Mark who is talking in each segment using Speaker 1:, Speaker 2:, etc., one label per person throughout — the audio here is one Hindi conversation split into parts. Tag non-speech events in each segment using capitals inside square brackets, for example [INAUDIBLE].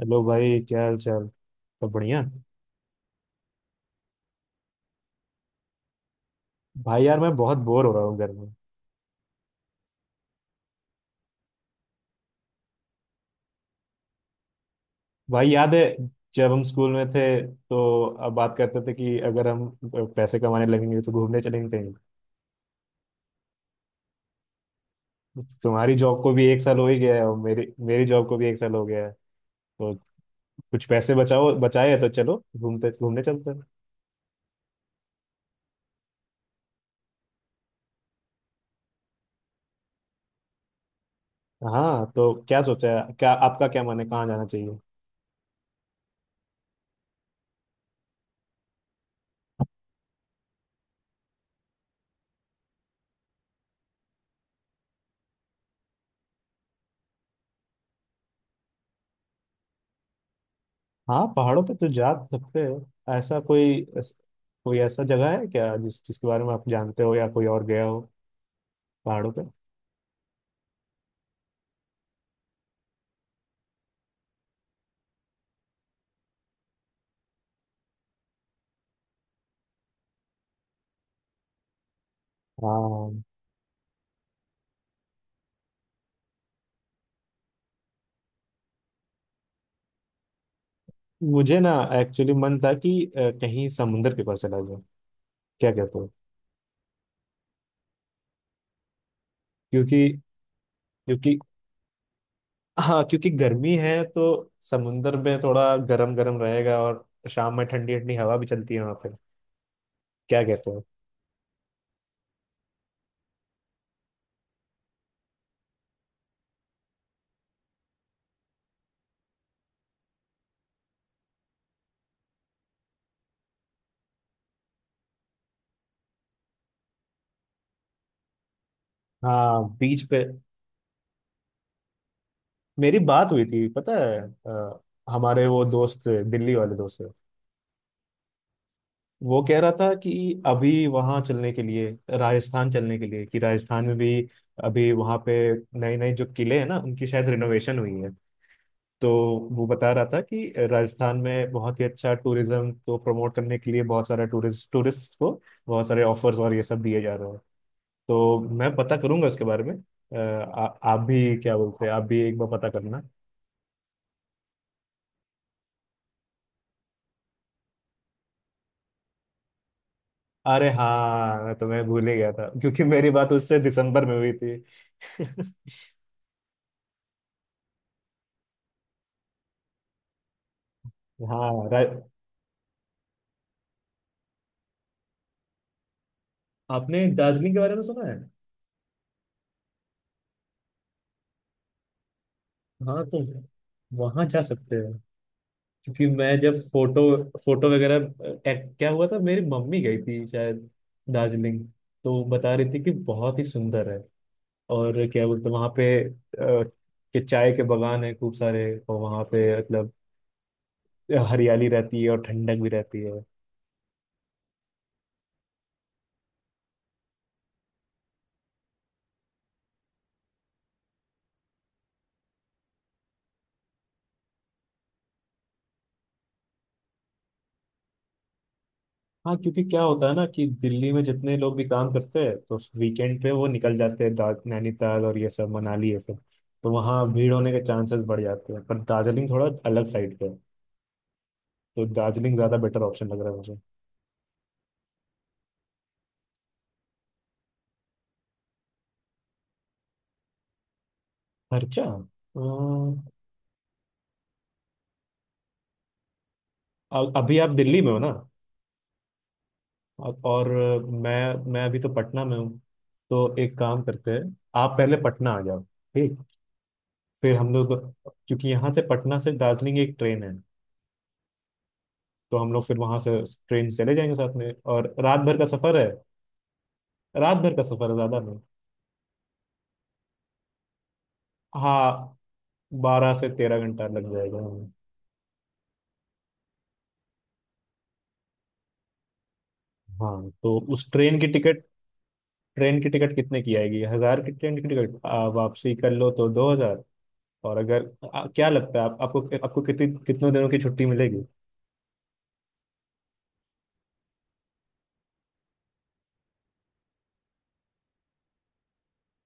Speaker 1: हेलो भाई, क्या हाल चाल? सब बढ़िया। भाई यार, मैं बहुत बोर हो रहा हूँ घर में। भाई, याद है जब हम स्कूल में थे तो अब बात करते थे कि अगर हम पैसे कमाने लगेंगे तो घूमने चलेंगे कहीं। तुम्हारी जॉब को भी एक साल हो ही गया है, और मेरी मेरी जॉब को भी एक साल हो गया है। तो कुछ पैसे बचाओ बचाए हैं तो चलो घूमते घूमने चलते हैं। हाँ, तो क्या सोचा है, क्या आपका क्या मन है, कहाँ जाना चाहिए? हाँ, पहाड़ों पे तो जा सकते हैं। ऐसा कोई कोई ऐसा जगह है क्या, जिसके बारे में आप जानते हो या कोई और गया हो पहाड़ों पे? हाँ, मुझे ना एक्चुअली मन था कि कहीं समुंदर के पास चला जाऊं। क्या कहते हो? क्योंकि क्योंकि हाँ, क्योंकि गर्मी है तो समुंदर में थोड़ा गरम गरम रहेगा, और शाम में ठंडी ठंडी हवा भी चलती है वहां पे। क्या कहते हो? हाँ, बीच पे मेरी बात हुई थी पता है। अ, हमारे वो दोस्त, दिल्ली वाले दोस्त। वो कह रहा था कि अभी वहाँ चलने के लिए राजस्थान चलने के लिए, कि राजस्थान में भी अभी वहाँ पे नए नए जो किले हैं ना, उनकी शायद रिनोवेशन हुई है। तो वो बता रहा था कि राजस्थान में बहुत ही अच्छा टूरिज्म को प्रमोट करने के लिए बहुत सारा टूरिस्ट टूरिस्ट को बहुत सारे ऑफर्स और ये सब दिए जा रहे हैं। तो मैं पता करूंगा उसके बारे में। आप भी क्या बोलते हैं, आप भी एक बार पता करना। अरे हाँ, मैं भूल ही गया था क्योंकि मेरी बात उससे दिसंबर में हुई थी। [LAUGHS] हाँ, आपने दार्जिलिंग के बारे में सुना है? हाँ, तो वहां जा सकते हो। क्योंकि मैं जब फोटो फोटो वगैरह, क्या हुआ था, मेरी मम्मी गई थी शायद दार्जिलिंग। तो वो बता रही थी कि बहुत ही सुंदर है। और क्या बोलते वहां पे, कि चाय के बगान है खूब सारे, और वहां पे मतलब हरियाली रहती है और ठंडक भी रहती है। हाँ, क्योंकि क्या होता है ना कि दिल्ली में जितने लोग भी काम करते हैं तो वीकेंड पे वो निकल जाते हैं नैनीताल और ये सब, मनाली ये सब। तो वहाँ भीड़ होने के चांसेस बढ़ जाते हैं, पर दार्जिलिंग थोड़ा अलग साइड पे है। तो दार्जिलिंग ज़्यादा बेटर ऑप्शन लग रहा है मुझे। खर्चा। अम, अभी आप दिल्ली में हो ना? और मैं मैं अभी तो पटना में हूँ। तो एक काम करते हैं, आप पहले पटना आ जाओ, ठीक? फिर हम लोग क्योंकि यहाँ से पटना से दार्जिलिंग एक ट्रेन है। तो हम लोग फिर वहां से ट्रेन से चले जाएंगे साथ में, और रात भर का सफर है। रात भर का सफर है, ज्यादा नहीं। हाँ, 12 से 13 घंटा लग जाएगा हमें। हाँ, तो उस ट्रेन की टिकट कितने की आएगी? 1,000 की ट्रेन की टिकट, वापसी कर लो तो 2,000। और अगर क्या लगता है आपको, आपको कितनी कितनों दिनों की छुट्टी मिलेगी?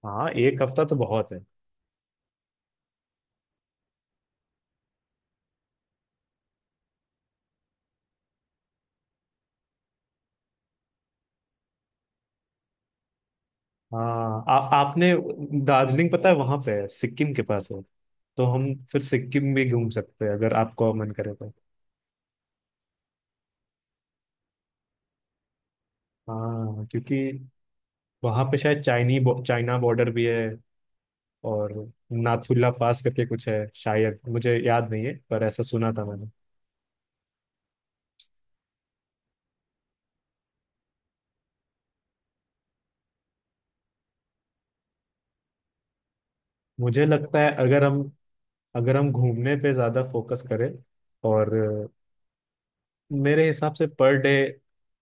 Speaker 1: हाँ, एक हफ्ता तो बहुत है। हाँ आ, आपने दार्जिलिंग पता है वहां पे, है सिक्किम के पास है। तो हम फिर सिक्किम भी घूम सकते हैं, अगर आपको मन करे तो। हाँ, क्योंकि वहां पे शायद चाइना बॉर्डर भी है। और नाथुला पास करके कुछ है शायद, मुझे याद नहीं है पर ऐसा सुना था मैंने। मुझे लगता है, अगर हम घूमने पे ज्यादा फोकस करें और मेरे हिसाब से पर डे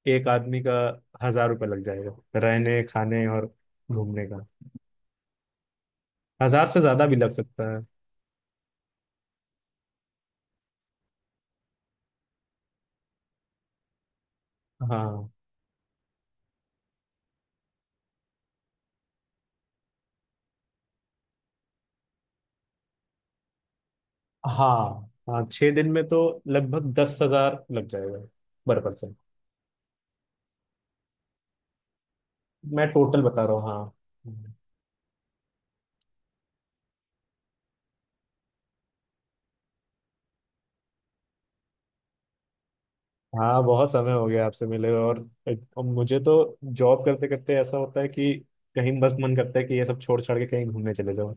Speaker 1: एक आदमी का 1,000 रुपये लग जाएगा, रहने खाने और घूमने का। 1,000 से ज्यादा भी लग सकता है। हाँ हाँ हाँ, 6 दिन में तो लगभग 10,000 लग जाएगा पर पर्सन। मैं टोटल बता रहा हूँ हाँ। हाँ, बहुत समय हो गया आपसे मिले हुए, और मुझे तो जॉब करते करते ऐसा होता है कि कहीं बस मन करता है कि ये सब छोड़ छाड़ के कहीं घूमने चले जाओ।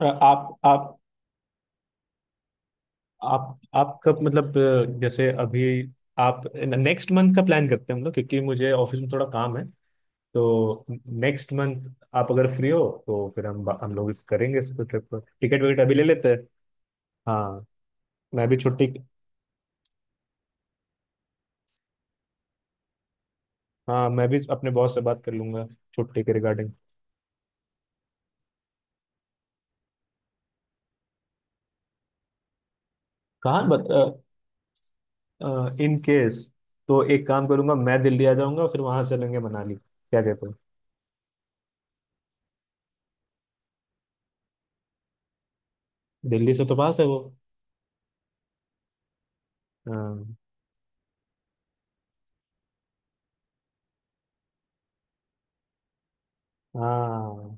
Speaker 1: अ, आप आप आप कब, मतलब जैसे अभी आप नेक्स्ट मंथ का प्लान करते हैं हम लोग, क्योंकि मुझे ऑफिस में थोड़ा काम है। तो नेक्स्ट मंथ आप अगर फ्री हो तो फिर हम लोग इस ट्रिप पर टिकट विकेट अभी ले लेते हैं। हाँ, मैं भी छुट्टी हाँ मैं भी अपने बॉस से बात कर लूंगा छुट्टी के रिगार्डिंग। कहाँ? इन केस, तो एक काम करूंगा, मैं दिल्ली आ जाऊंगा, फिर वहां चलेंगे मनाली। क्या कहते हो? दिल्ली से तो पास है वो। हाँ हाँ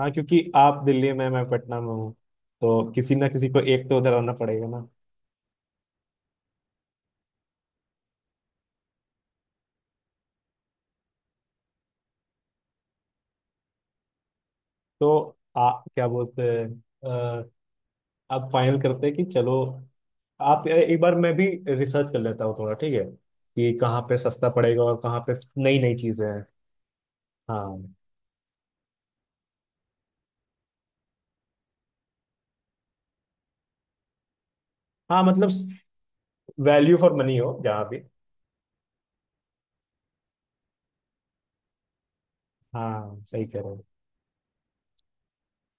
Speaker 1: हाँ। क्योंकि आप दिल्ली में, मैं पटना में हूँ। तो किसी ना किसी को एक तो उधर आना पड़ेगा ना। तो आ क्या बोलते हैं? अ, आप फाइनल करते हैं कि चलो, आप एक बार, मैं भी रिसर्च कर लेता हूँ थोड़ा, ठीक है? कि कहाँ पे सस्ता पड़ेगा और कहाँ पे नई नई चीजें हैं। हाँ हाँ, मतलब वैल्यू फॉर मनी हो जहाँ भी। हाँ, सही कह रहे हो।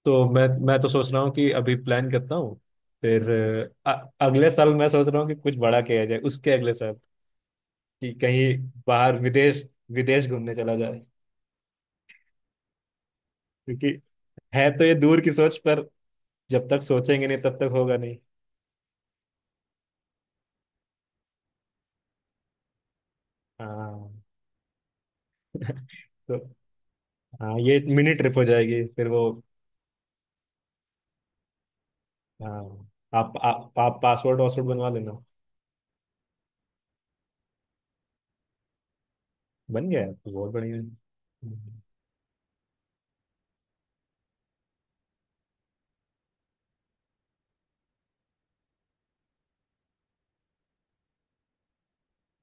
Speaker 1: तो मैं तो सोच रहा हूँ कि अभी प्लान करता हूँ, फिर अ, अगले साल मैं सोच रहा हूँ कि कुछ बड़ा किया जाए उसके अगले साल, कि कहीं बाहर विदेश, विदेश घूमने चला जाए। क्योंकि है तो ये दूर की सोच, पर जब तक सोचेंगे नहीं तब तक होगा नहीं। हाँ। [LAUGHS] तो हाँ, ये मिनी ट्रिप हो जाएगी फिर वो। हाँ, आप पासवर्ड वासवर्ड बनवा लेना। बन गया है? तो बहुत बढ़िया है।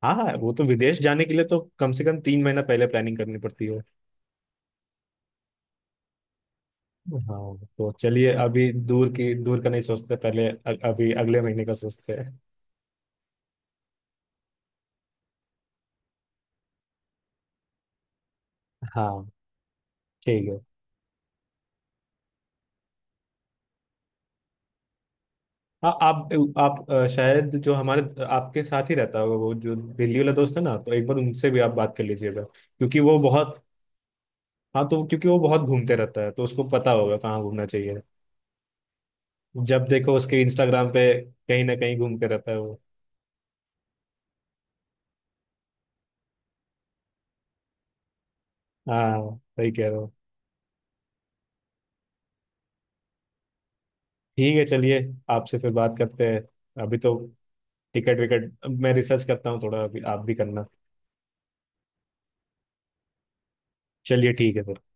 Speaker 1: हाँ हाँ, वो तो विदेश जाने के लिए तो कम से कम 3 महीना पहले प्लानिंग करनी पड़ती है। हाँ तो चलिए, अभी दूर का नहीं सोचते, पहले अभी अगले महीने का सोचते हैं। हाँ, ठीक है। हाँ, आप शायद जो हमारे, आपके साथ ही रहता होगा, वो जो दिल्ली वाला दोस्त है ना, तो एक बार उनसे भी आप बात कर लीजिएगा, क्योंकि वो बहुत। हाँ तो क्योंकि वो बहुत घूमते रहता है तो उसको पता होगा कहाँ घूमना चाहिए। जब देखो उसके इंस्टाग्राम पे कहीं ना कहीं घूमते रहता है वो। हाँ, सही कह रहे हो। ठीक है चलिए, आपसे फिर बात करते हैं। अभी तो टिकट विकट, मैं रिसर्च करता हूँ थोड़ा अभी, आप भी करना। चलिए, ठीक है फिर।